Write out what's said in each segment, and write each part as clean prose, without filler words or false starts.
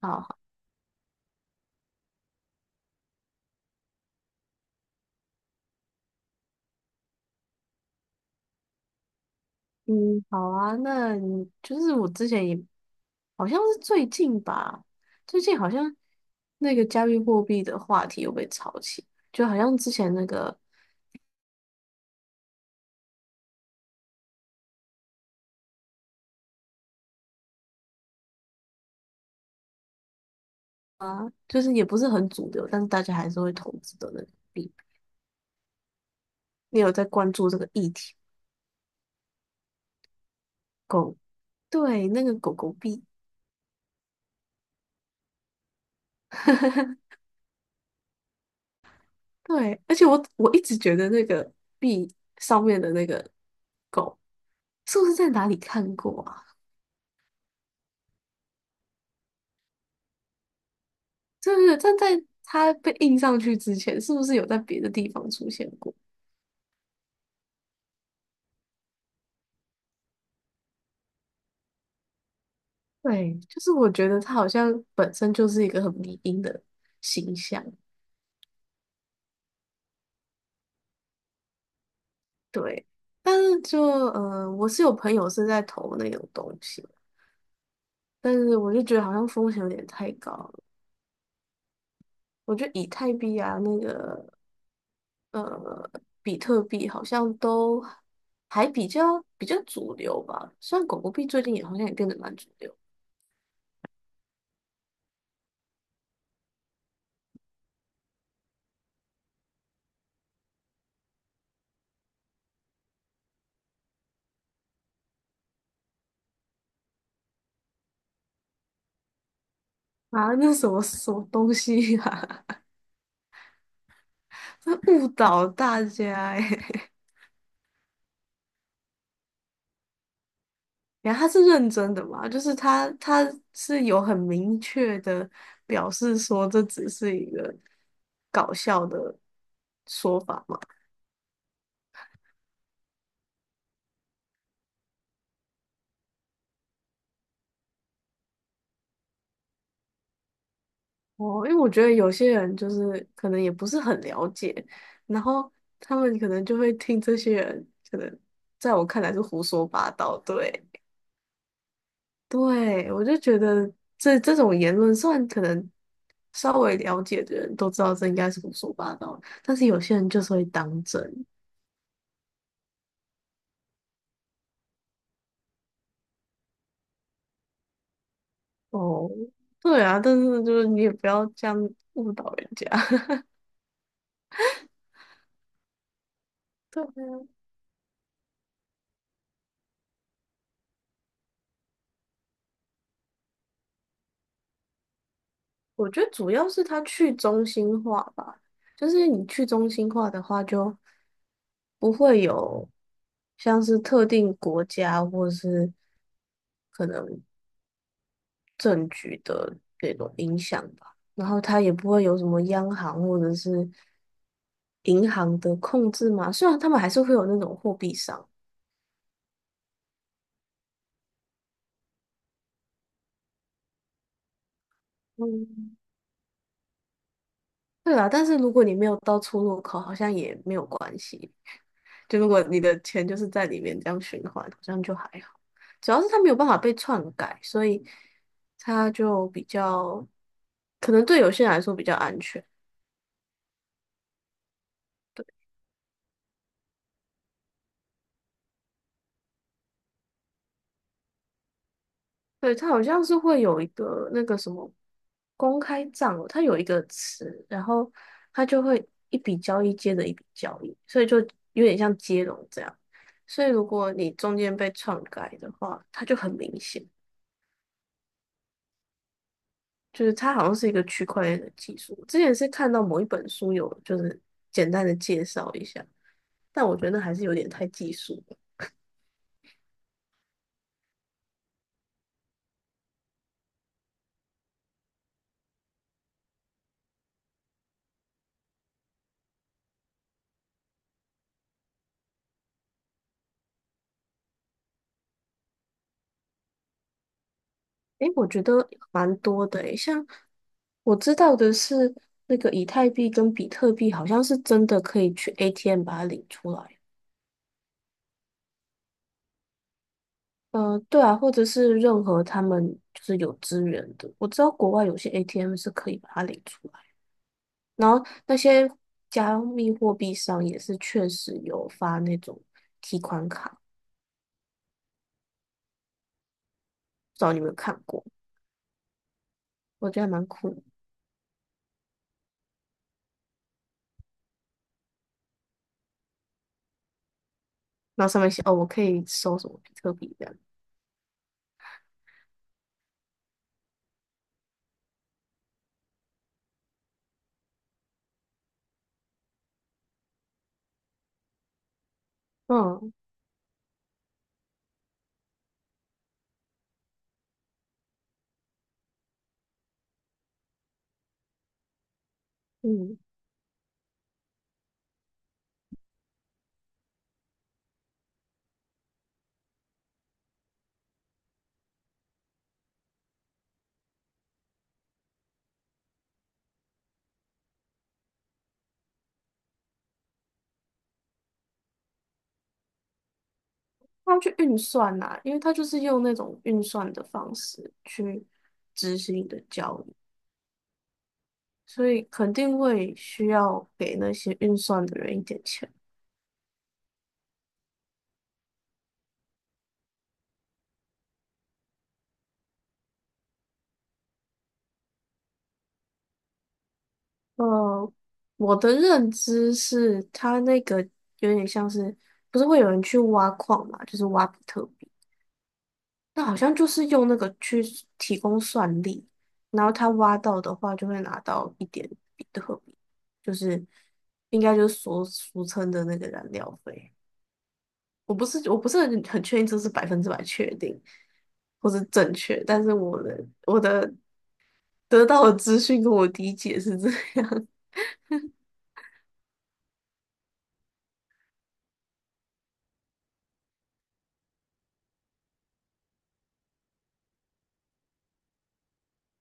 好，好。嗯，好啊。那你就是我之前也好像是最近吧，最近好像那个加密货币的话题又被炒起，就好像之前那个就是也不是很主流，但是大家还是会投资的那个币。你有在关注这个议题？狗，对，那个狗狗币。对，而且我一直觉得那个币上面的那个狗，是不是在哪里看过啊？对对对，但在它被印上去之前，是不是有在别的地方出现过？对就是我觉得它好像本身就是一个很迷因的形象，对。但是我是有朋友是在投那种东西，但是我就觉得好像风险有点太高了。我觉得以太币啊，呃，比特币好像都还比较主流吧。虽然狗狗币最近也好像也变得蛮主流。啊，那什么什么东西啊？他误导大家诶。然后他是认真的嘛？就是他是有很明确的表示说这只是一个搞笑的说法嘛？哦，因为我觉得有些人就是可能也不是很了解，然后他们可能就会听这些人，可能在我看来是胡说八道，对。对，我就觉得这种言论，虽然可能稍微了解的人都知道这应该是胡说八道，但是有些人就是会当真哦。对啊，但是就是你也不要这样误导人家。对啊。我觉得主要是它去中心化吧，就是你去中心化的话，就不会有像是特定国家或是。可能。政局的那种影响吧。然后它也不会有什么央行或者是银行的控制嘛。虽然他们还是会有那种货币商，嗯，对啦。但是如果你没有到出入口，好像也没有关系。就如果你的钱就是在里面这样循环，好像就还好。主要是它没有办法被篡改，所以它就比较，可能对有些人来说比较安全。对，它好像是会有一个那个什么公开账哦它有一个词，然后它就会一笔交易接着一笔交易，所以就有点像接龙这样。所以如果你中间被篡改的话，它就很明显，就是它好像是一个区块链的技术。之前是看到某一本书有就是简单的介绍一下，但我觉得那还是有点太技术。诶，我觉得蛮多的诶，像我知道的是，那个以太币跟比特币好像是真的可以去 ATM 把它领出来。对啊，或者是任何他们就是有资源的，我知道国外有些 ATM 是可以把它领出来，然后那些加密货币上也是确实有发那种提款卡，不知道你有没有看过？我觉得还蛮酷的。然后上面写哦，我可以收什么比特币这样。嗯嗯。他去运算呐、因为他就是用那种运算的方式去执行你的交易，所以肯定会需要给那些运算的人一点钱。呃，我的认知是，他那个有点像是，不是会有人去挖矿嘛，就是挖比特币，那好像就是用那个去提供算力，然后他挖到的话就会拿到一点比特币，就是应该就是所俗称的那个燃料费。我不是很确定这是百分之百确定或是正确，但是我的得到的资讯跟我理解是这样。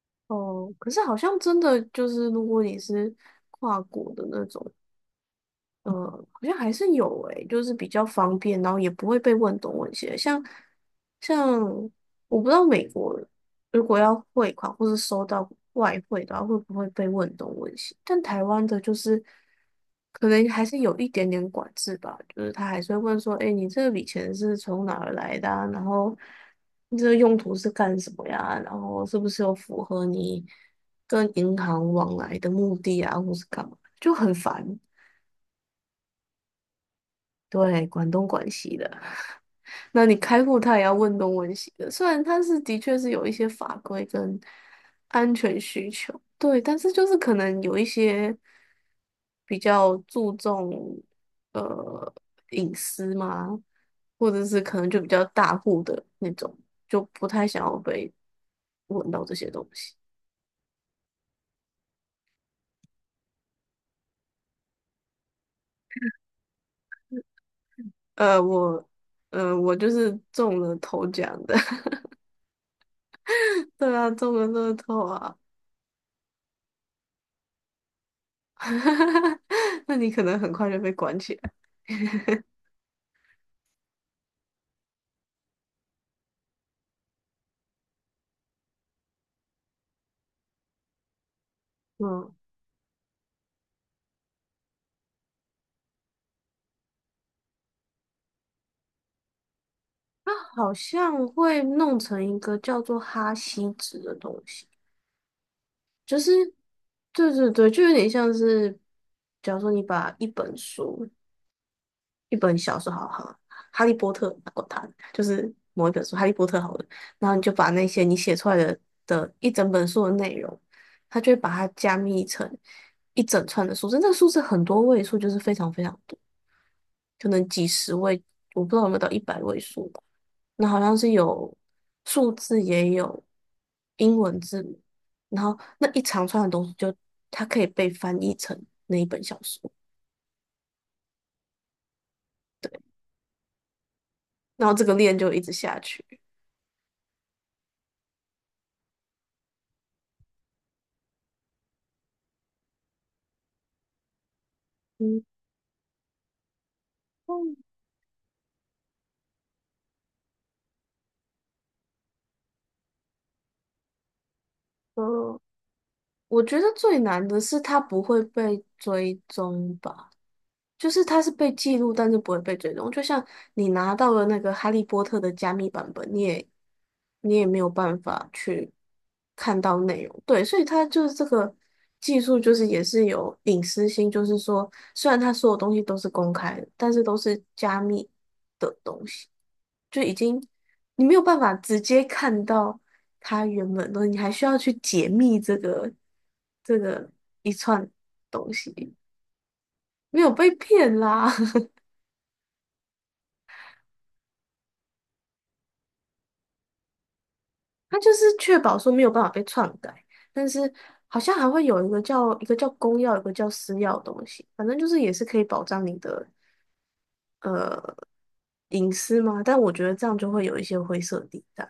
哦，可是好像真的就是，如果你是跨国的那种，嗯，好像还是有诶、就是比较方便，然后也不会被问东问西的像我不知道美国如果要汇款或是收到外汇的话，会不会被问东问西？但台湾的就是可能还是有一点点管制吧，就是他还是会问说，哎、你这笔钱是从哪儿来的啊然后你这个用途是干什么呀？然后是不是有符合你跟银行往来的目的啊，或是干嘛？就很烦。对，广东广西的，那你开户他也要问东问西的。虽然他是的确是有一些法规跟安全需求，对，但是就是可能有一些比较注重呃隐私嘛，或者是可能就比较大户的那种，就不太想要被问到这些东西。呃，我我就是中了头奖的。对啊，中了乐透啊。哈哈哈那你可能很快就被关起来。嗯，好像会弄成一个叫做哈希值的东西，就是对对对，就有点像是，假如说你把一本书、一本小说，好好，《哈利波特》，管它，就是某一本书《哈利波特》好了，然后你就把那些你写出来的的一整本书的内容，它就会把它加密成一整串的数字，那个数字很多位数，就是非常非常多。可能几十位，我不知道有没有到一百位数吧。那好像是有数字也有英文字母，然后那一长串的东西就它可以被翻译成那一本小说，然后这个链就一直下去。嗯，呃，我觉得最难的是它不会被追踪吧。就是它是被记录，但是不会被追踪。就像你拿到了那个《哈利波特》的加密版本，你也没有办法去看到内容。对，所以它就是这个技术，就是也是有隐私性，就是说虽然它所有东西都是公开的，但是都是加密的东西，就已经你没有办法直接看到它原本的东西，你还需要去解密这个一串东西，没有被骗啦。它就是确保说没有办法被篡改，但是好像还会有一个叫公钥，一个叫私钥的东西，反正就是也是可以保障你的呃隐私嘛。但我觉得这样就会有一些灰色地带。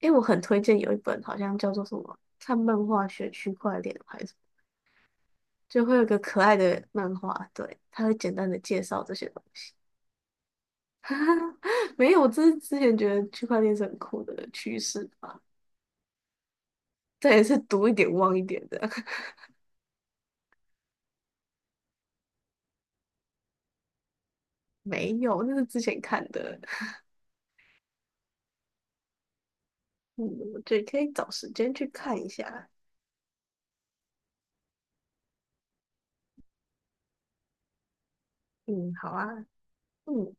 因为我很推荐有一本好像叫做什么《看漫画学区块链》还是什么就会有一个可爱的漫画，对，它会简单的介绍这些东西。没有，这是之前觉得区块链是很酷的趋势吧？这也是读一点忘一点的。没有，那是之前看的。嗯，对，可以找时间去看一下。嗯，好啊，嗯。